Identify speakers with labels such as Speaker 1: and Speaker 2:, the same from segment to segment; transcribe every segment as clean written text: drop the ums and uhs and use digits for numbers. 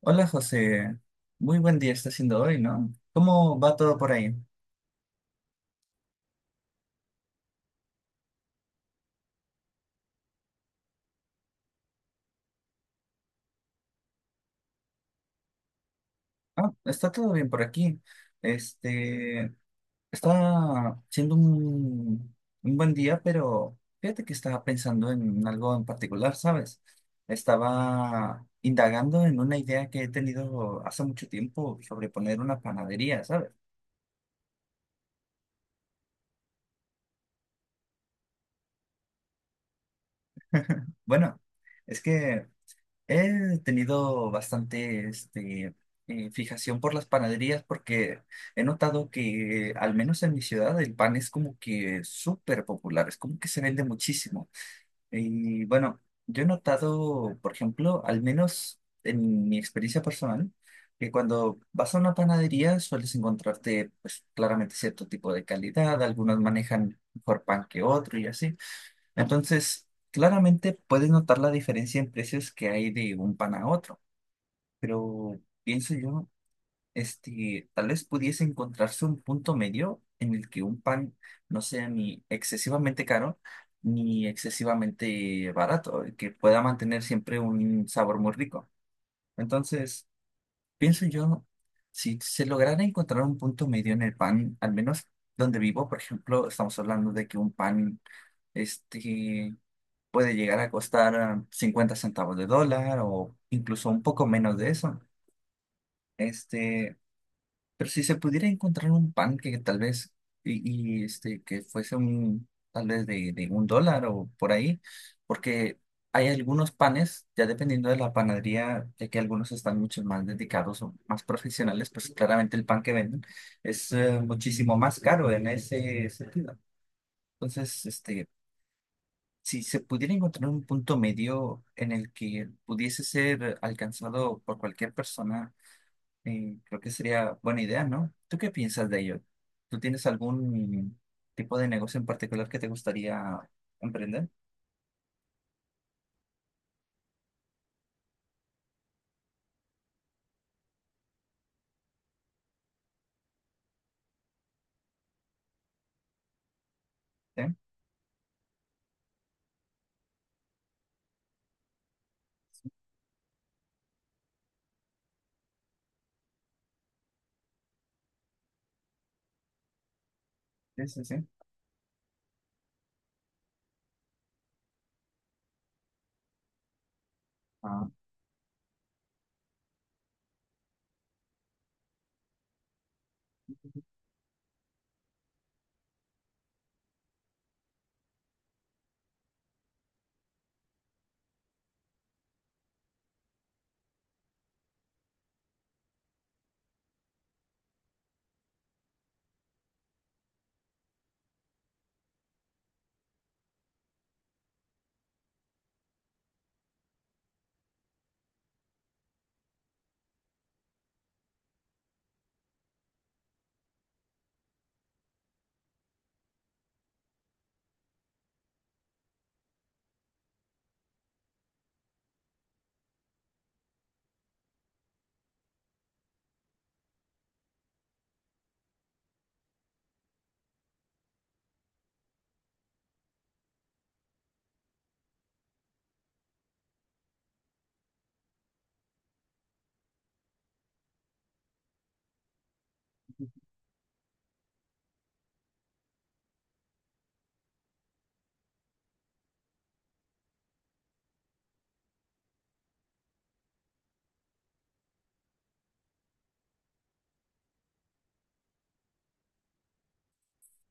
Speaker 1: Hola José, muy buen día está siendo hoy, ¿no? ¿Cómo va todo por ahí? Ah, está todo bien por aquí. Este, Está siendo un buen día, pero fíjate que estaba pensando en algo en particular, ¿sabes? Estaba indagando en una idea que he tenido hace mucho tiempo sobre poner una panadería, ¿sabes? Bueno, es que he tenido bastante fijación por las panaderías porque he notado que, al menos en mi ciudad, el pan es como que súper popular, es como que se vende muchísimo. Y bueno, yo he notado, por ejemplo, al menos en mi experiencia personal, que cuando vas a una panadería sueles encontrarte, pues claramente cierto tipo de calidad, algunos manejan mejor pan que otro y así. Entonces, claramente puedes notar la diferencia en precios que hay de un pan a otro, pero pienso yo, tal vez pudiese encontrarse un punto medio en el que un pan no sea ni excesivamente caro ni excesivamente barato, y que pueda mantener siempre un sabor muy rico. Entonces, pienso yo, si se lograra encontrar un punto medio en el pan, al menos donde vivo, por ejemplo, estamos hablando de que un pan... Este, puede llegar a costar 50 centavos de dólar o incluso un poco menos de eso. Este, pero si se pudiera encontrar un pan que tal vez, que fuese tal vez de un dólar o por ahí, porque hay algunos panes, ya dependiendo de la panadería, ya que algunos están mucho más dedicados o más profesionales, pues claramente el pan que venden es muchísimo más caro en ese sentido. Entonces, si se pudiera encontrar un punto medio en el que pudiese ser alcanzado por cualquier persona, creo que sería buena idea, ¿no? ¿Tú qué piensas de ello? ¿Tú tienes algún tipo de negocio en particular que te gustaría emprender? Sí, sí, sí. Sí. Ah,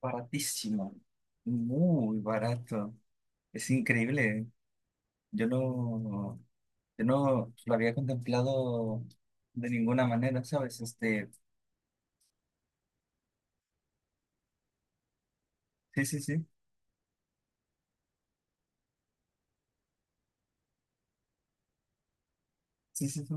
Speaker 1: baratísimo, muy barato. Es increíble. Yo no, yo no lo había contemplado de ninguna manera, ¿sabes? Sí, sí, sí, sí, sí, sí.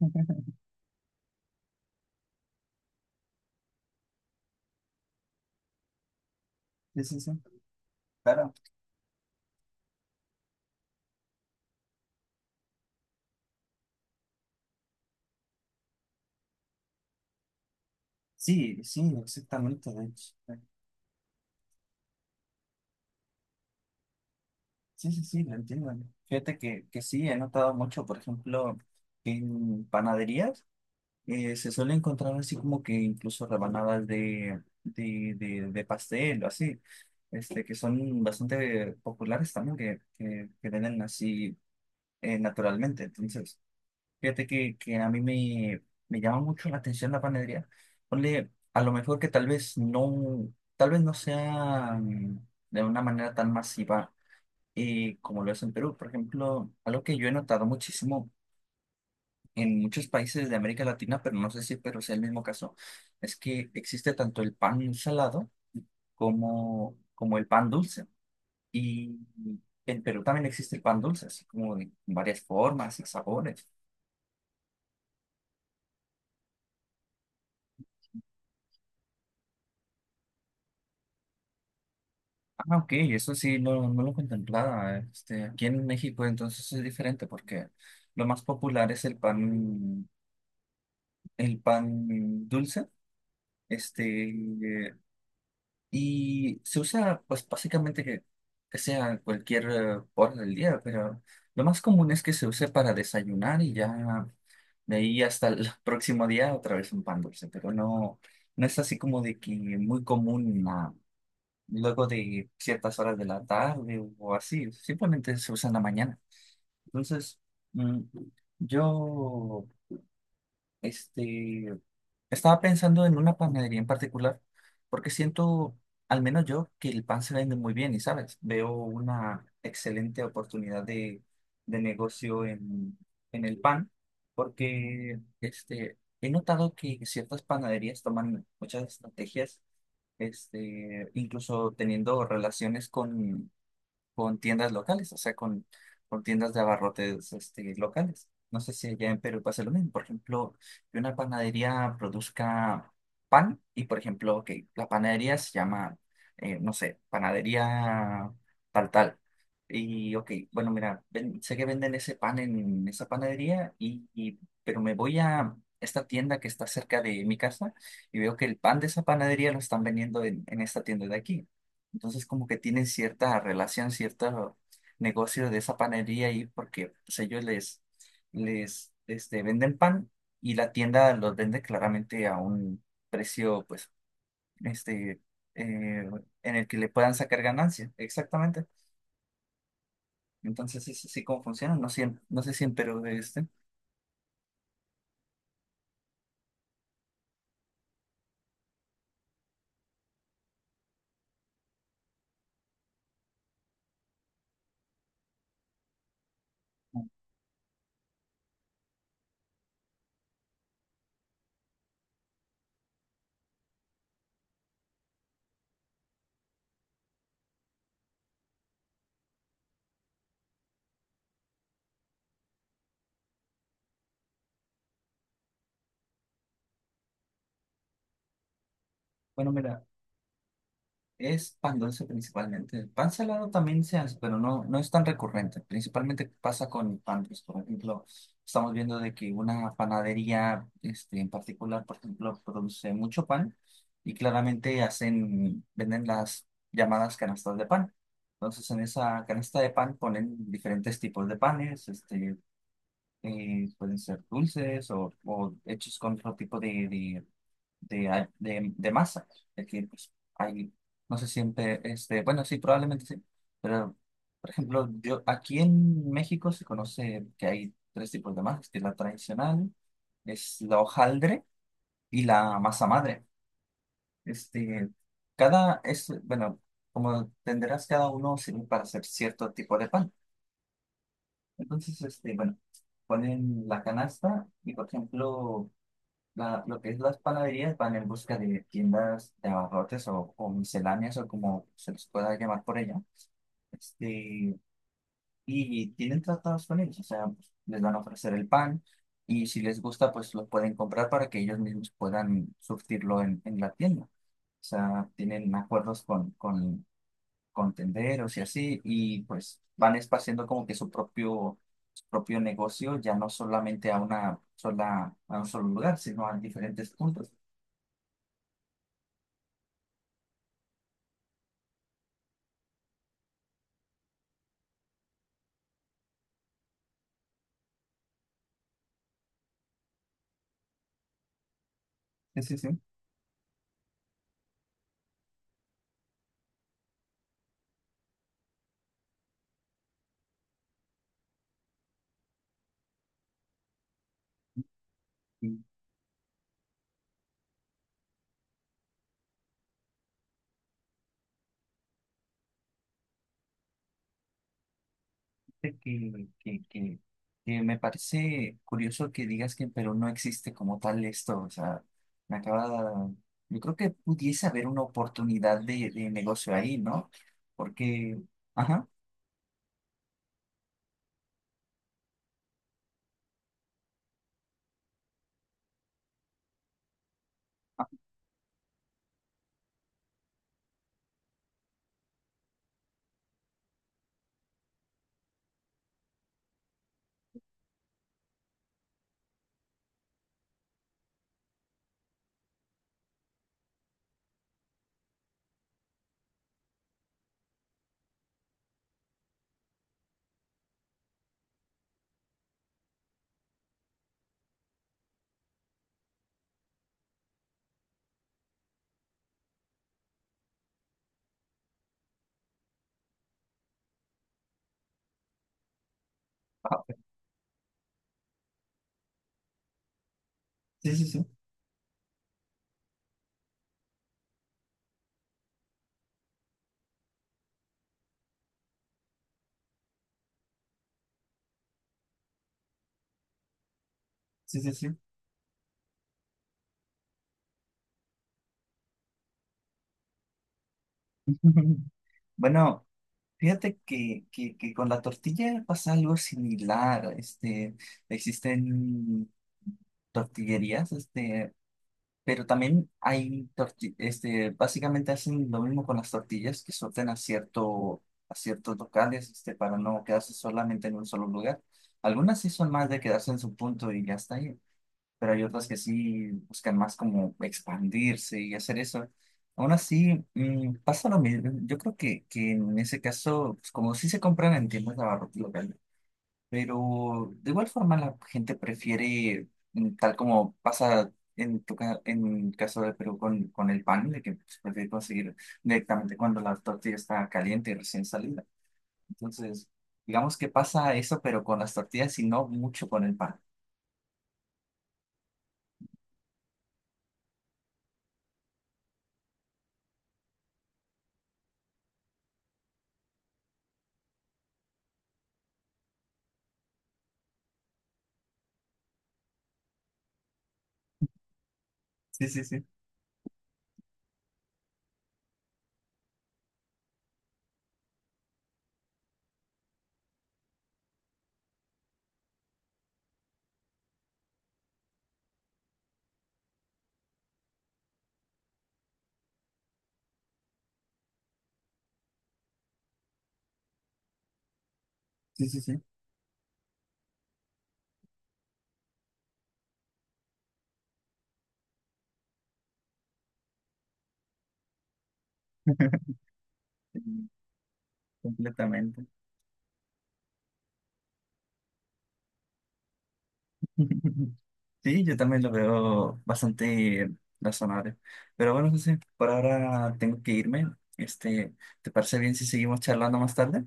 Speaker 1: Sí, sí, sí. Claro, sí, sí, exactamente, de hecho. Sí, sí, sí, lo entiendo. Fíjate que sí, he notado mucho, por ejemplo, en panaderías se suele encontrar así como que incluso rebanadas de pastel o así, que son bastante populares también, que venden así naturalmente. Entonces, fíjate que a mí me llama mucho la atención la panadería. Ponle, a lo mejor que tal vez no sea de una manera tan masiva como lo es en Perú. Por ejemplo, algo que yo he notado muchísimo en muchos países de América Latina, pero no sé si Perú sea el mismo caso, es que existe tanto el pan salado como el pan dulce. Y en Perú también existe el pan dulce, así como de varias formas y sabores. Ah, ok, eso sí, no, no lo contemplaba. Aquí en México entonces es diferente porque lo más popular es el pan dulce, este, y se usa pues básicamente que sea cualquier hora del día, pero lo más común es que se use para desayunar y ya de ahí hasta el próximo día otra vez un pan dulce, pero no, no es así como de que muy común luego de ciertas horas de la tarde o así, simplemente se usa en la mañana. Entonces, mm, yo este, estaba pensando en una panadería en particular, porque siento, al menos yo, que el pan se vende muy bien y, ¿sabes? Veo una excelente oportunidad de negocio en el pan, porque he notado que ciertas panaderías toman muchas estrategias incluso teniendo relaciones con tiendas locales, o sea, con tiendas de abarrotes locales. No sé si allá en Perú pasa lo mismo. Por ejemplo, que una panadería produzca pan y, por ejemplo, que la panadería se llama, no sé, panadería tal tal. Y, ok, bueno, mira, sé que venden ese pan en esa panadería, pero me voy a esta tienda que está cerca de mi casa y veo que el pan de esa panadería lo están vendiendo en esta tienda de aquí. Entonces como que tienen cierta relación, cierto negocio de esa panería ahí porque pues, ellos les venden pan y la tienda los vende claramente a un precio pues este eh, en el que le puedan sacar ganancia. Exactamente. Entonces es así como funciona. No sé, no sé si en Perú de. Bueno, mira. Es pan dulce principalmente. El pan salado también se hace, pero no, no es tan recurrente. Principalmente pasa con el pan dulce. Por ejemplo, estamos viendo de que una panadería en particular, por ejemplo, produce mucho pan y claramente hacen, venden las llamadas canastas de pan. Entonces, en esa canasta de pan ponen diferentes tipos de panes, pueden ser dulces o hechos con otro tipo de masa. Es decir, pues, hay, no sé, siempre, bueno, sí, probablemente sí, pero, por ejemplo, yo, aquí en México se conoce que hay tres tipos de masas, que la tradicional es la hojaldre y la masa madre. Este, cada, es, bueno, como tendrás cada uno sirve para hacer cierto tipo de pan. Entonces, bueno, ponen la canasta y, por ejemplo, lo que es las panaderías van en busca de tiendas de abarrotes o misceláneas o como se les pueda llamar por ella. Este, y tienen tratados con ellos, o sea, pues, les van a ofrecer el pan y si les gusta, pues lo pueden comprar para que ellos mismos puedan surtirlo en la tienda. O sea, tienen acuerdos con tenderos y así, y pues van espaciando como que su propio negocio, ya no solamente a una sola, a un solo lugar, sino a diferentes puntos. Sí, sí, sí. Y fíjate que me parece curioso que digas que en Perú no existe como tal esto. O sea, me acaba. Yo creo que pudiese haber una oportunidad de negocio ahí, ¿no? Porque, ajá, ah, sí, sí, sí. Sí, sí, sí. Bueno, fíjate que con la tortilla pasa algo similar. Existen tortillerías. Pero también hay básicamente hacen lo mismo con las tortillas que sortean a cierto, a ciertos locales, para no quedarse solamente en un solo lugar. Algunas sí son más de quedarse en su punto y ya está ahí, pero hay otras que sí buscan más como expandirse y hacer eso. Aún así, pasa lo mismo. Yo creo que en ese caso, pues, como sí se compran en tiendas de abarrotes pero de igual forma la gente prefiere, tal como pasa en tu en caso de Perú con el pan, de que se prefiere conseguir directamente cuando la tortilla está caliente y recién salida. Entonces, digamos que pasa eso, pero con las tortillas y no mucho con el pan. Sí, sí, sí, sí, sí, sí. Completamente. Sí, yo también lo veo bastante razonable. Pero bueno, José, por ahora tengo que irme. Este, ¿Te parece bien si seguimos charlando más tarde?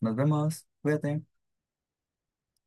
Speaker 1: Nos vemos, cuídate.